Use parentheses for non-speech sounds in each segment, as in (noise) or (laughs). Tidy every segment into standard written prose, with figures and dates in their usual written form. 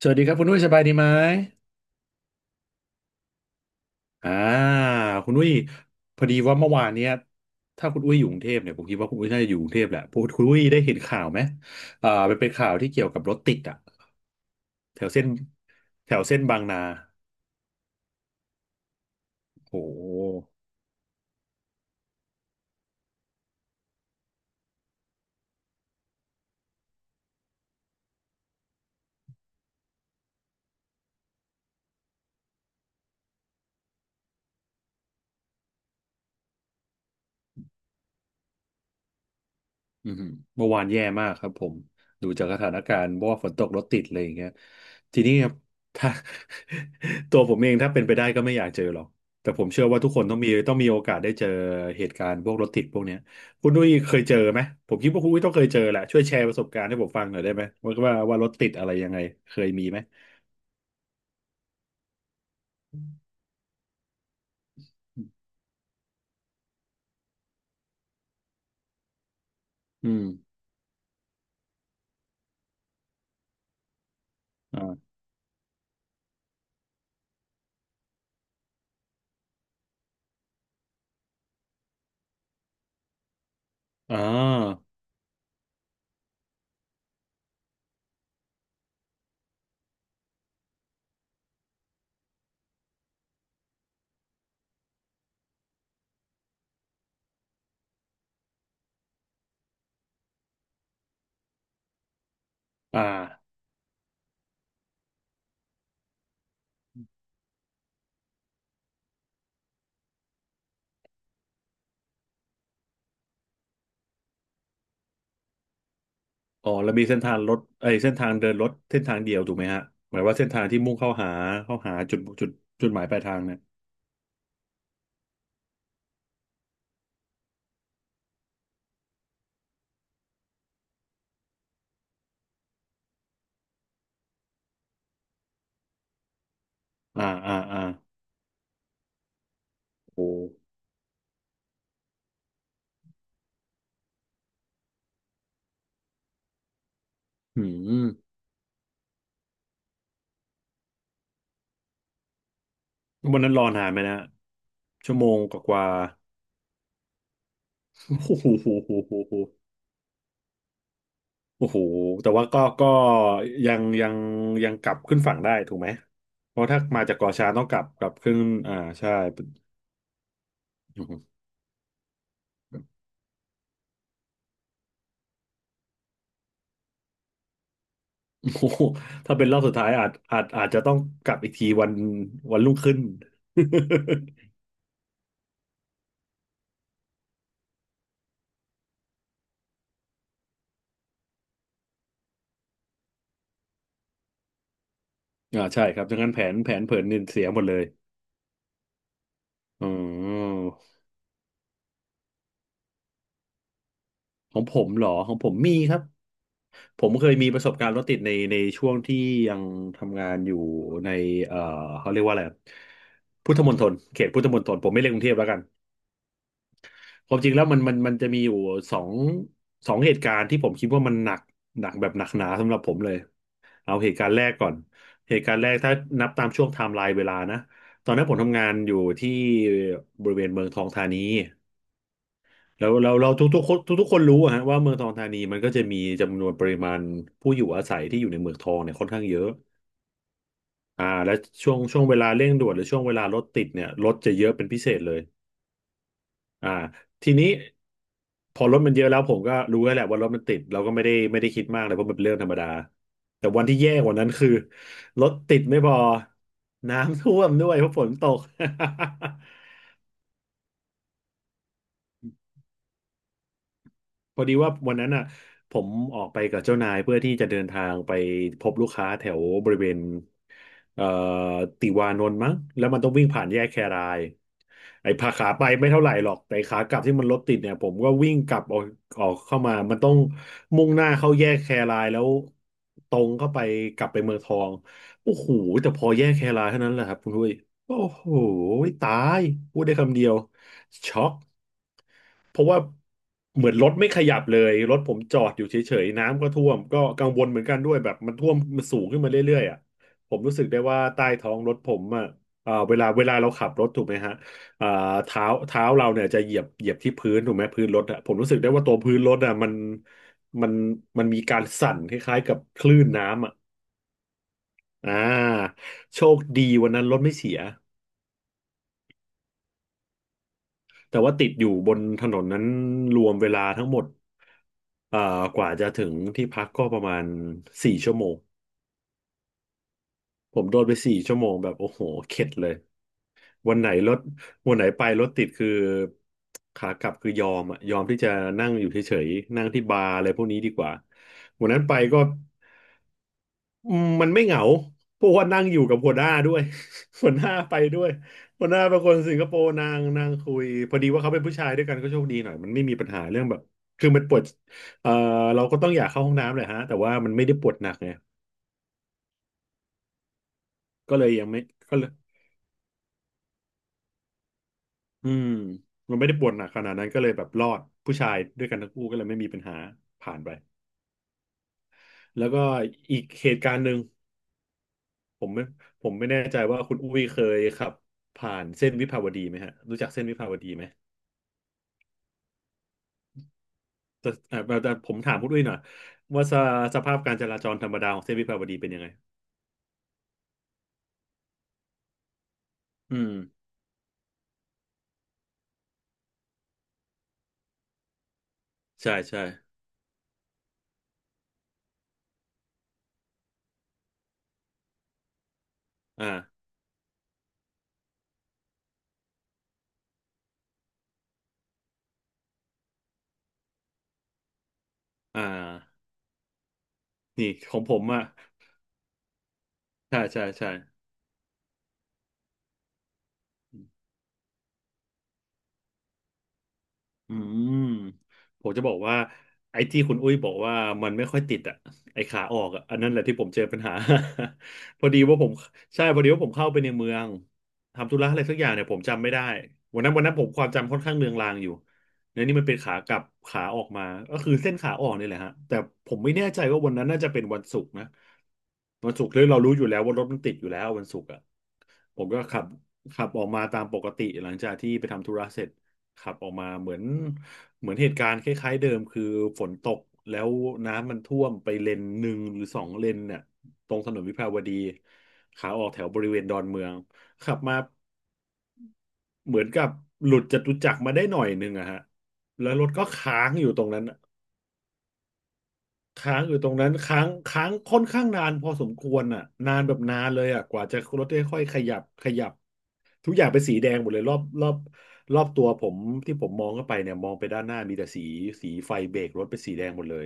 สวัสดีครับคุณนุ้ยสบายดีไหมอ่าคุณนุ้ยพอดีว่าเมื่อวานเนี้ยถ้าคุณอุ้ยอยู่กรุงเทพเนี่ยผมคิดว่าคุณอุ้ยน่าจะอยู่กรุงเทพแหละพวกคุณอุ้ยได้เห็นข่าวไหมมันเป็นข่าวที่เกี่ยวกับรถติดอ่ะแถวเส้นแถวเส้นบางนา โอ้โห อืมเมื่อวานแย่มากครับผมดูจากสถานการณ์เพราะว่าฝนตกรถติดอะไรอย่างเงี้ยทีนี้ครับถ้า (laughs) ตัวผมเองถ้าเป็นไปได้ก็ไม่อยากเจอหรอกแต่ผมเชื่อว่าทุกคนต้องต้องมีโอกาสได้เจอเหตุการณ์พวกรถติดพวกเนี้ยคุณดุ้ยเคยเจอไหมผมคิดว่าคุณดุ้ยต้องเคยเจอแหละช่วยแชร์ประสบการณ์ให้ผมฟังหน่อยได้ไหมว่ารถติดอะไรยังไงเคยมีไหมอืมอ่าอ่าอ่า อ๋อแล้วมีเส้นทางรถไอ้ยเส้นทางเดินรถเส้นทางเดียวถูกไหมฮะหมายว่าเส้นทางที่มุ่งเข้าหาเข้าหาจุดจุดหมายปลายทางเนี่ยอ่าโอ้หืมวันนั้นรอนานไหมนะชั่วโมงกว่าๆ (laughs) โอ้โหโอ้โหโหโอ้โหแต่ว่าก็ก็ยังยังกลับขึ้นฝั่งได้ถูกไหมเพราะถ้ามาจากเกาะช้างต้องกลับกลับขึ้นอ่าใช่โอ้โหถ้าเป็นรอบสุดท้ายอาจจะต้องกลับอีกทีวันรุ่งขึ้น อ่าใช่ครับดังนั้นแผนเผินนินเสียหมดเลยอ๋อของผมเหรอของผมมีครับ ผมเคยมีประสบการณ์รถติดในช่วงที่ยังทำงานอยู่ในเอ่อเขาเรียกว่าอะไรอะพุทธมณฑลเขตพุทธมณฑลผมไม่เรียกกรุงเทพแล้วกันความจริงแล้วมันจะมีอยู่สองเหตุการณ์ที่ผมคิดว่ามันหนักหนักแบบหนักหนาสำหรับผมเลยเอาเหตุการณ์แรกก่อนเหตุการณ์แรกถ้านับตามช่วงไทม์ไลน์เวลานะตอนนั้นผมทำงานอยู่ที่บริเวณเมืองทองธานี แล้วเราทุกๆคนทุกๆคนรู้อะฮะว่าเมืองทองธานีมันก็จะมีจำนวนปริมาณผู้อยู่อาศัยที่อยู่ในเมืองทองเนี่ยค่อนข้างเยอะอ่าและช่วงเวลาเร่งด่วนหรือช่วงเวลารถติดเนี่ยรถจะเยอะเป็นพิเศษเลยอ่าทีนี้พอรถมันเยอะแล้วผมก็รู้แล้วแหละว่ารถมันติดเราก็ไม่ได้คิดมากเลยเพราะมันเป็นเรื่องธรรมดาแต่วันที่แย่กว่านั้นคือรถติดไม่พอน้ำท่วมด้วยเพราะฝนตก พอดีว่าวันนั้นอ่ะผมออกไปกับเจ้านายเพื่อที่จะเดินทางไปพบลูกค้าแถวบริเวณเอ่อติวานนท์มั้งแล้วมันต้องวิ่งผ่านแยกแครายไอ้พาขาไปไม่เท่าไหร่หรอกแต่ขากลับที่มันรถติดเนี่ยผมก็วิ่งกลับออกออกเข้ามามันต้องมุ่งหน้าเข้าแยกแครายแล้วตรงเข้าไปกลับไปเมืองทองโอ้โหแต่พอแยกแครายเท่านั้นแหละครับคุณด้วยโอ้โหตายพูดได้คำเดียว ช็อกเพราะว่าเหมือนรถไม่ขยับเลยรถผมจอดอยู่เฉยๆน้ำก็ท่วมก็กังวลเหมือนกันด้วยแบบมันท่วมมันสูงขึ้นมาเรื่อยๆอ่ะผมรู้สึกได้ว่าใต้ท้องรถผมอ่ะอ่าเวลาเราขับรถถูกไหมฮะอ่าเท้าเราเนี่ยจะเหยียบที่พื้นถูกไหมพื้นรถอ่ะผมรู้สึกได้ว่าตัวพื้นรถอ่ะมันมันมีการสั่นคล้ายๆกับคลื่นน้ำอ่ะอ่าโชคดีวันนั้นรถไม่เสีย แต่ว่าติดอยู่บนถนนนั้นรวมเวลาทั้งหมดเอ่อกว่าจะถึงที่พักก็ประมาณสี่ชั่วโมงผมโดนไปสี่ชั่วโมงแบบโอ้โหเข็ดเลยวันไหนรถวันไหนไปรถติดคือขากลับคือยอมอะยอมที่จะนั่งอยู่เฉยๆนั่งที่บาร์อะไรพวกนี้ดีกว่าวันนั้นไปก็ อืมมันไม่เหงาเพราะว่านั่งอยู่กับหัวหน้าด้วย (laughs) หัวหน้าไปด้วยหัวหน้าเป็นคนสิงคโปร์นางคุยพอดีว่าเขาเป็นผู้ชายด้วยกันก็โชคดีหน่อย มันไม่มีปัญหาเรื่องแบบคือมันปวดเอ่อเราก็ต้องอยากเข้าห้องน้ำแหละฮะแต่ว่ามันไม่ได้ปวดหนักไงก็เลยยังไม่ก็เลยอืมมันไม่ได้ปวดหนักขนาดนั้นก็เลยแบบรอดผู้ชายด้วยกันทั้งคู่ก็เลยไม่มีปัญหาผ่านไปแล้วก็อีกเหตุการณ์หนึ่งผมไม่ผมไม่แน่ใจว่าคุณอุ้ยเคยขับผ่านเส้นวิภาวดีไหมฮะรู้จักเส้นวิภาวดีไหม แต่ผมถามคุณดุ้วยหน่อยว่าสภาพการจราจรธรรมดาของเส้นวิภาวดีเป็นยังไงอืมใช่ใช่อ่าอ่านี่ของผมอ่ะใช่ใช่ใช่ อืมผมจะบอกว่าไอ้ที่คุณอุ้ยบอกว่ามันไม่ค่อยติดอ่ะไอ้ขาออกอ่ะอันนั้นแหละที่ผมเจอปัญหา (laughs) พอดีว่าผมใช่พอดีว่าผมเข้าไปในเมืองทำธุระอะไรสักอย่างเนี่ยผมจำไม่ได้วันนั้นผมความจำค่อนข้างเลือนลางอยู่เนี่ยนี่มันเป็นขากลับขาออกมาก็คือเส้นขาออกนี่แหละฮะแต่ผมไม่แน่ใจว่าวันนั้นน่าจะเป็นวันศุกร์นะวันศุกร์เลยเรารู้อยู่แล้วว่ารถมันติดอยู่แล้ววันศุกร์อ่ะผมก็ขับขับออกมาตามปกติหลังจากที่ไปทำธุระเสร็จ ขับออกมาเหมือนเหตุการณ์คล้ายๆเดิมคือฝนตกแล้วน้ำมันท่วมไปเลนหนึ่งหรือ2 เลนเนี่ยตรงถนนวิภาวดีขาออกแถวบริเวณดอนเมืองขับมาเหมือนกับหลุดจตุจักรมาได้หน่อยหนึ่งอะฮะแล้วรถก็ค้างอยู่ตรงนั้น ค้างอยู่ตรงนั้นค้างค่อนข้างนานพอสมควรอ่ะนานแบบนานเลยอ่ะกว่าจะรถได้ค่อยขยับขยับทุกอย่างเป็นสีแดงหมดเลยรอบรอบรอบตัวผมที่ผมมองเข้าไปเนี่ยมองไปด้านหน้ามีแต่สีไฟเบรกรถเป็นสีแดงหมดเลย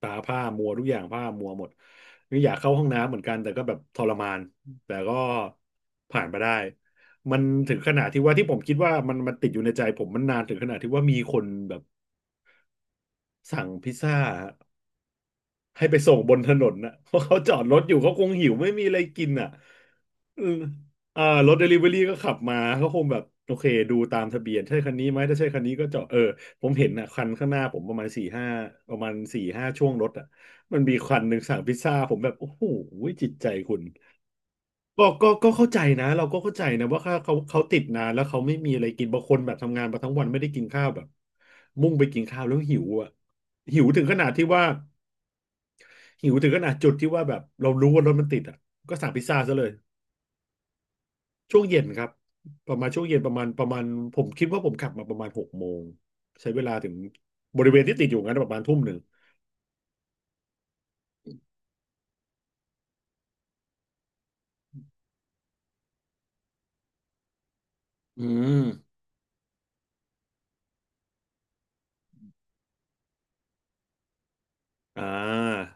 ตาผ้ามัวทุกอย่างผ้ามัวหมดนี่อยากเข้าห้องน้ำเหมือนกันแต่ก็แบบทรมานแต่ก็ผ่านไปได้มันถึงขนาดที่ว่าที่ผมคิดว่ามันติดอยู่ในใจผมมันนานถึงขนาดที่ว่ามีคนแบบสั่งพิซซ่า ให้ไปส่งบนถนนนะ (laughs) เพราะเขาจอดรถอยู่เขาคงหิวไม่มีอะไรกินอ่ะเอออ่ารถเดลิเวอรี่ก็ขับมาเขาคงแบบโอเคดูตามทะเบียนใช่คันนี้ไหมถ้าใช่คันนี้ก็จอดเออผมเห็นอ่ะคันข้างหน้าผมประมาณสี่ห้าช่วงรถอ่ะมันมีคันหนึ่งสั่งพิซซ่าผมแบบโอ้โหจิตใจคุณก็เข้าใจนะเราก็เข้าใจนะว่าเขาติดนานแล้วเขาไม่มีอะไรกินบางคนแบบทำงานมาทั้งวันไม่ได้กินข้าวแบบมุ่งไปกินข้าวแล้วหิวอ่ะหิวถึงขนาดที่ว่า หิวถึงขนาดจุดที่ว่าแบบเรารู้ว่ารถมันติดอ่ะก็สั่งพิซซ่าซะเลยช่วงเย็นครับประมาณช่วงเย็นประมาณผมคิดว่าผมขับมาประมาณ6 โมงใช้เวลาถึงบริเวณที่ติดอยู่งั้นประมาณ1 ทุ่มอืมอ่า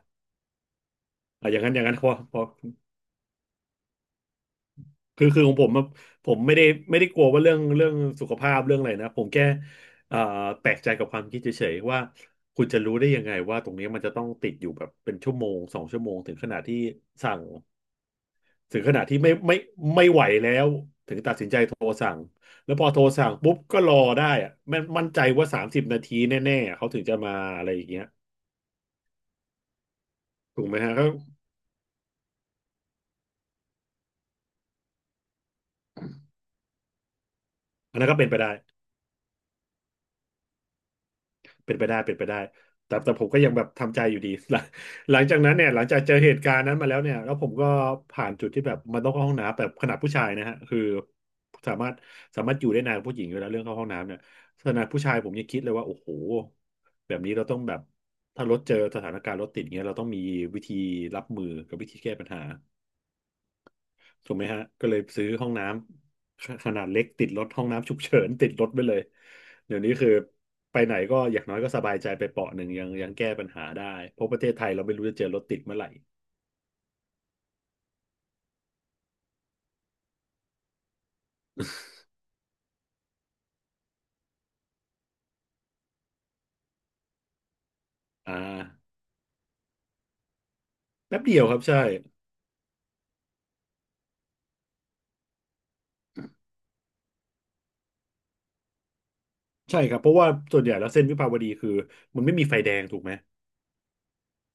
อ่ะอย่างนั้นอย่างนั้นพอคือของผมอะผมไม่ได้ไม่ได้กลัวว่าเรื่องสุขภาพเรื่องอะไรนะผมแค่อ่าแปลกใจกับความคิดเฉยๆว่าคุณจะรู้ได้ยังไงว่าตรงนี้มันจะต้องติดอยู่แบบเป็นชั่วโมง2 ชั่วโมงถึงขนาดที่สั่ง ถึงขนาดที่ไม่ไหวแล้ว แล้วพอโทรสั่งปุ๊บก็รอได้อะมันมั่นใจว่า30 นาทีแน่ๆเขาถึงจะมาอะไรอย่างเงี้ยถูกไหมฮะก็อันนั้นก็เป็นไปได้ เป็นไปได้เป็นไปได้แต่แต่ผมก็ยังแบบทำใจอยู่ดี (laughs) หลังหลังจากนั้นเนี่ยหลังจากเจอเหตุการณ์นั้นมาแล้วเนี่ยแล้วผมก็ผ่านจุดที่แบบมันต้องเข้าห้องน้ำแบบขนาดผู้ชายนะฮะคือสามารถสามารถอยู่ได้นานกว่าผู้หญิงอยู่แล้วเรื่องเข้าห้องน้ำเนี่ยขนาดผู้ชายผมยังคิดเลยว่าโอ้โหแบบนี้เราต้องแบบถ้ารถเจอสถานการณ์รถติดเงี้ยเราต้องมีวิธีรับมือกับวิธีแก้ปัญหา ถูกไหมฮะก็เลยซื้อห้องน้ำขนาดเล็กติดรถห้องน้ำฉุกเฉิน (laughs) ติดรถไปเลยเดี๋ยวนี้คือไปไหนก็อย่างน้อยก็สบายใจไปเปาะหนึ่งยังแก้ปัญหาได้เพราะประเทศไทยเราไม่รู้จะเจอรถติดเมื่อไหร่อ่าแป๊บเดียวครับใช่ใช่ครับเพราะว่าส่วนใหญ่แล้วเส้นวิภาวดีคือมันไม่มีไฟแดงถูกไหม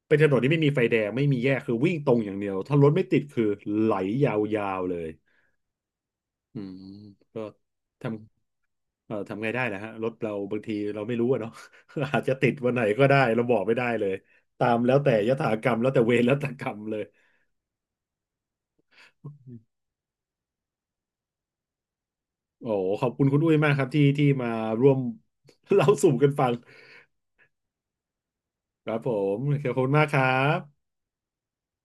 เป็นถนนที่ไม่มีไฟแดงไม่มีแยกคือวิ่งตรงอย่างเดียวถ้ารถไม่ติดคือไหลยาวๆเลยอืมก็ทำ เออทำไงได้นะฮะรถเราบางทีเราไม่รู้อะเนาะ (laughs) อาจจะติดวันไหนก็ได้เราบอกไม่ได้เลยตามแล้วแต่ยถากรรมแล้วแต่เวรแล้วแต่กรรมเลยโอ้โหขอบคุณคุณอุ้ยมากครับที่มาร่วม (laughs) เล่าสู่กันฟังครับผมขอบคุณมากครับ